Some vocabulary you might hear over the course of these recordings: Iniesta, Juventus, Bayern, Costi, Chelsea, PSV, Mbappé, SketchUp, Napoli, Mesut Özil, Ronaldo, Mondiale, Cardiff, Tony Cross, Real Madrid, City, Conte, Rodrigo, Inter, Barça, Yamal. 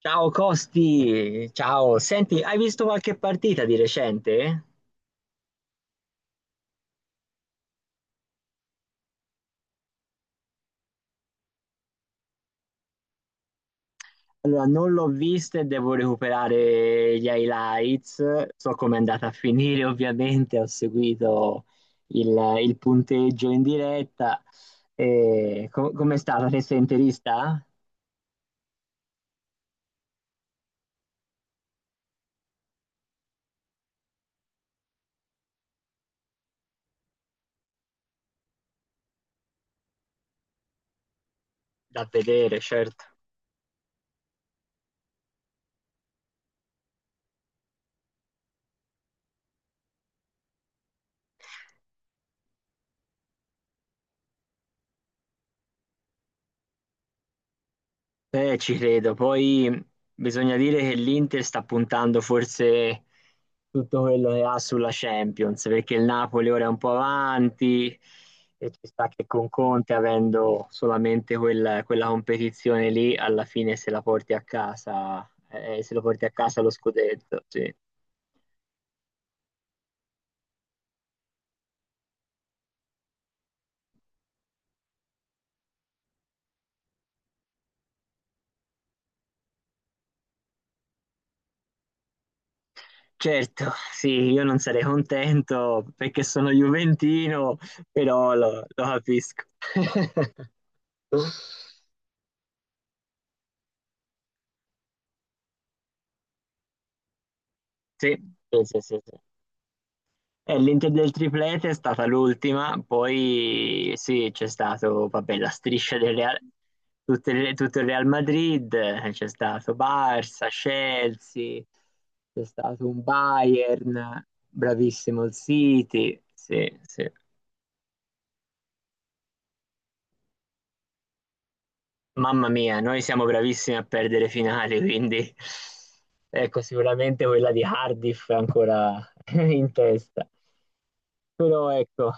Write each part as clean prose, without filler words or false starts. Ciao Costi, ciao. Senti, hai visto qualche partita di recente? Allora, non l'ho vista e devo recuperare gli highlights. So come è andata a finire, ovviamente, ho seguito il, il punteggio in diretta. E com'è stata? Te sei interista? Da vedere, certo. Ci credo. Poi bisogna dire che l'Inter sta puntando forse tutto quello che ha sulla Champions, perché il Napoli ora è un po' avanti e ci sta che con Conte, avendo solamente quella competizione lì, alla fine se la porti a casa, se lo porti a casa lo scudetto, sì. Certo, sì, io non sarei contento perché sono juventino, però lo capisco. Sì, sì, sì, sì. l'Inter del triplete è stata l'ultima, poi sì, c'è stato, vabbè, la striscia del Real, tutto il Real Madrid, c'è stato Barça, Chelsea, c'è stato un Bayern, bravissimo il City, sì, sì. Mamma mia, noi siamo bravissimi a perdere finali, quindi ecco, sicuramente quella di Cardiff è ancora in testa. Però ecco,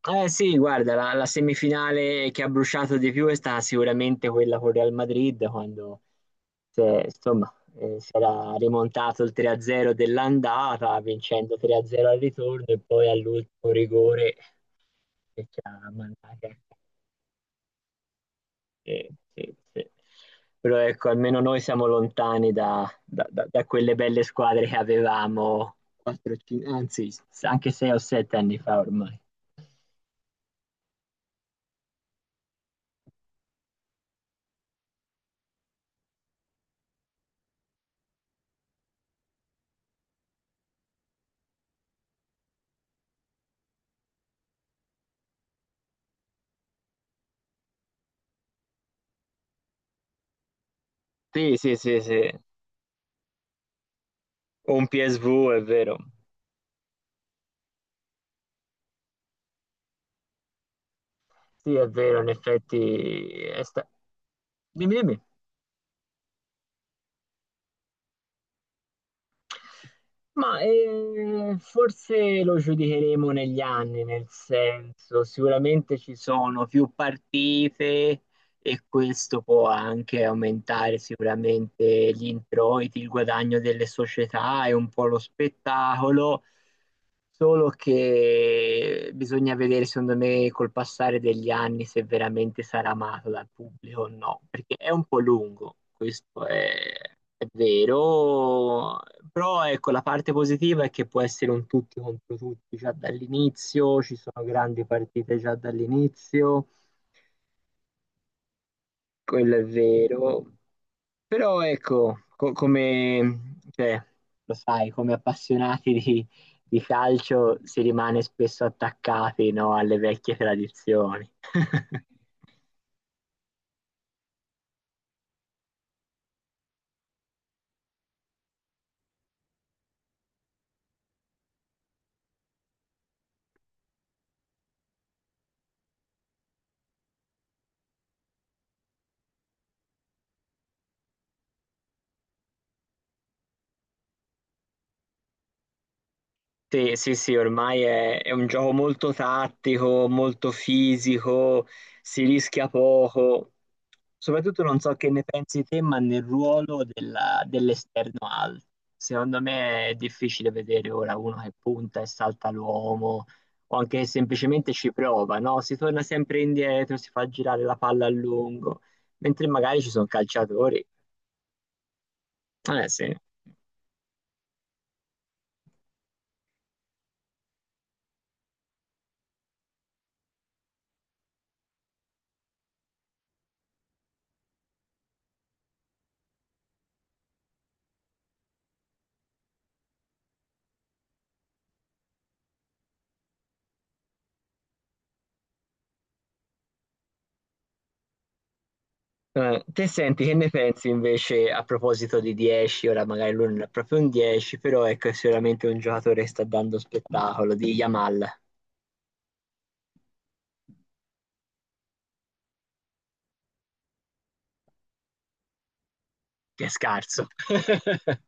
eh sì, guarda, la semifinale che ha bruciato di più è stata sicuramente quella con Real Madrid, quando insomma, si era rimontato il 3-0 dell'andata, vincendo 3-0 al ritorno e poi all'ultimo rigore che ci ha mandati. Eh, sì, sì, sì. Però ecco, almeno noi siamo lontani da quelle belle squadre che avevamo 4, anzi anche 6 o 7 anni fa ormai. Sì, sì, sì, sì. O un PSV, è vero. Sì, è vero, in effetti. Dimmi, dimmi. Ma forse lo giudicheremo negli anni, nel senso, sicuramente ci sono più partite, e questo può anche aumentare sicuramente gli introiti, il guadagno delle società e un po' lo spettacolo, solo che bisogna vedere secondo me col passare degli anni se veramente sarà amato dal pubblico o no, perché è un po' lungo, questo è vero, però ecco la parte positiva è che può essere un tutti contro tutti già dall'inizio, ci sono grandi partite già dall'inizio, quello è vero. Però ecco, come, cioè, lo sai, come appassionati di calcio si rimane spesso attaccati, no, alle vecchie tradizioni. Sì, sì, sì, ormai è un gioco molto tattico, molto fisico, si rischia poco. Soprattutto non so che ne pensi te, ma nel ruolo dell'esterno alto. Secondo me è difficile vedere ora uno che punta e salta l'uomo, o anche che semplicemente ci prova, no? Si torna sempre indietro, si fa girare la palla a lungo, mentre magari ci sono calciatori. Eh sì. Te senti, che ne pensi invece a proposito di 10? Ora magari lui non è proprio un 10, però ecco, è sicuramente un giocatore che sta dando spettacolo, di Yamal, che è scarso.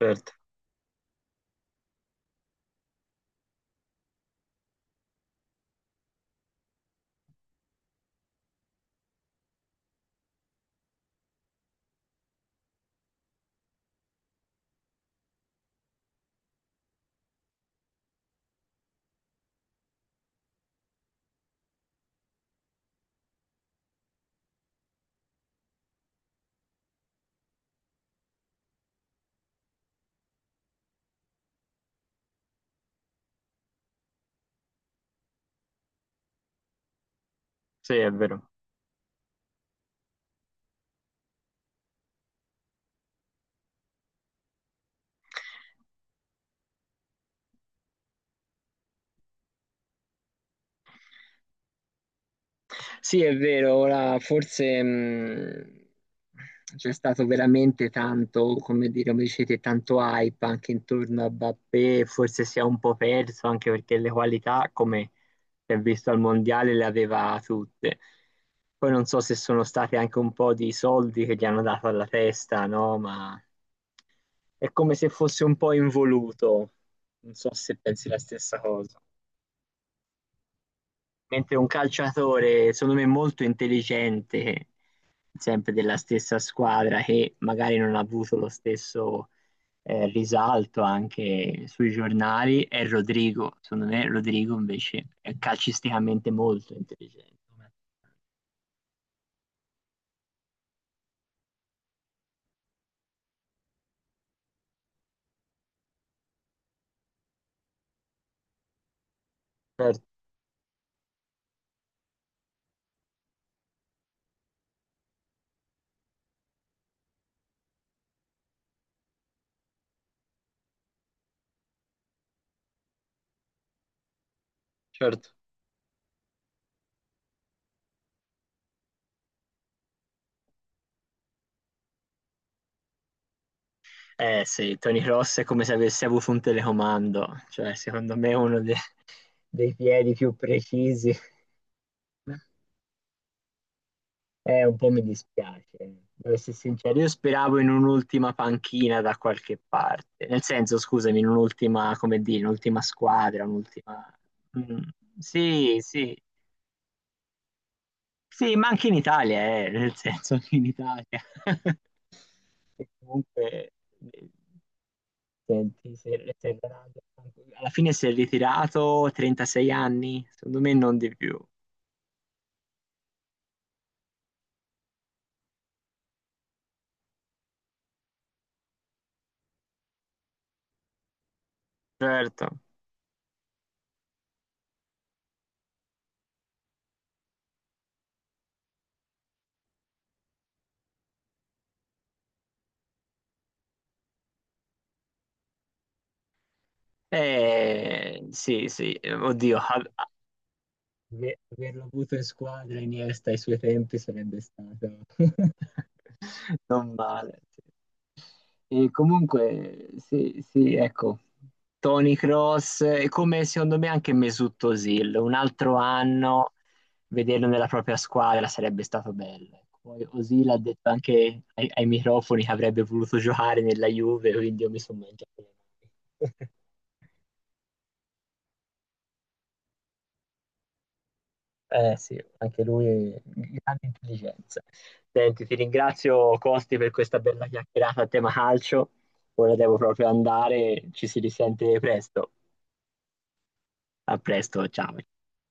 Certo, sì, è vero. Sì, è vero, ora forse c'è stato veramente tanto, come dire, come dicete, tanto hype anche intorno a Mbappé, forse si è un po' perso anche perché le qualità, come si è visto al Mondiale, le aveva tutte. Poi non so se sono stati anche un po' di soldi che gli hanno dato alla testa, no? Ma è come se fosse un po' involuto. Non so se pensi la stessa cosa. Mentre un calciatore, secondo me, molto intelligente, sempre della stessa squadra, che magari non ha avuto lo stesso risalto anche sui giornali, è Rodrigo. Secondo me, Rodrigo invece è calcisticamente molto intelligente. Certo, certo. Eh sì, Tony Cross è come se avesse avuto un telecomando, cioè secondo me è uno dei piedi più precisi. Un po' mi dispiace, devo essere sincero. Io speravo in un'ultima panchina da qualche parte. Nel senso, scusami, in un'ultima, come dire, un'ultima squadra, un'ultima... Mm, sì, sì. Sì, ma anche in Italia, nel senso, anche in Italia. E comunque, eh, senti, se, alla fine si è ritirato 36 anni, secondo me non di più. Certo. Sì, sì, oddio, averlo avuto in squadra Iniesta ai suoi tempi sarebbe stato non male, sì. E comunque, sì, sì, ecco, Tony Cross e come secondo me anche Mesut Özil, un altro anno vederlo nella propria squadra sarebbe stato bello. Ecco. Poi Özil ha detto anche ai microfoni che avrebbe voluto giocare nella Juve, quindi io mi sono mangiato le mani. Eh sì, anche lui grande intelligenza. Senti, ti ringrazio Costi per questa bella chiacchierata a tema calcio. Ora devo proprio andare, ci si risente presto. A presto, ciao.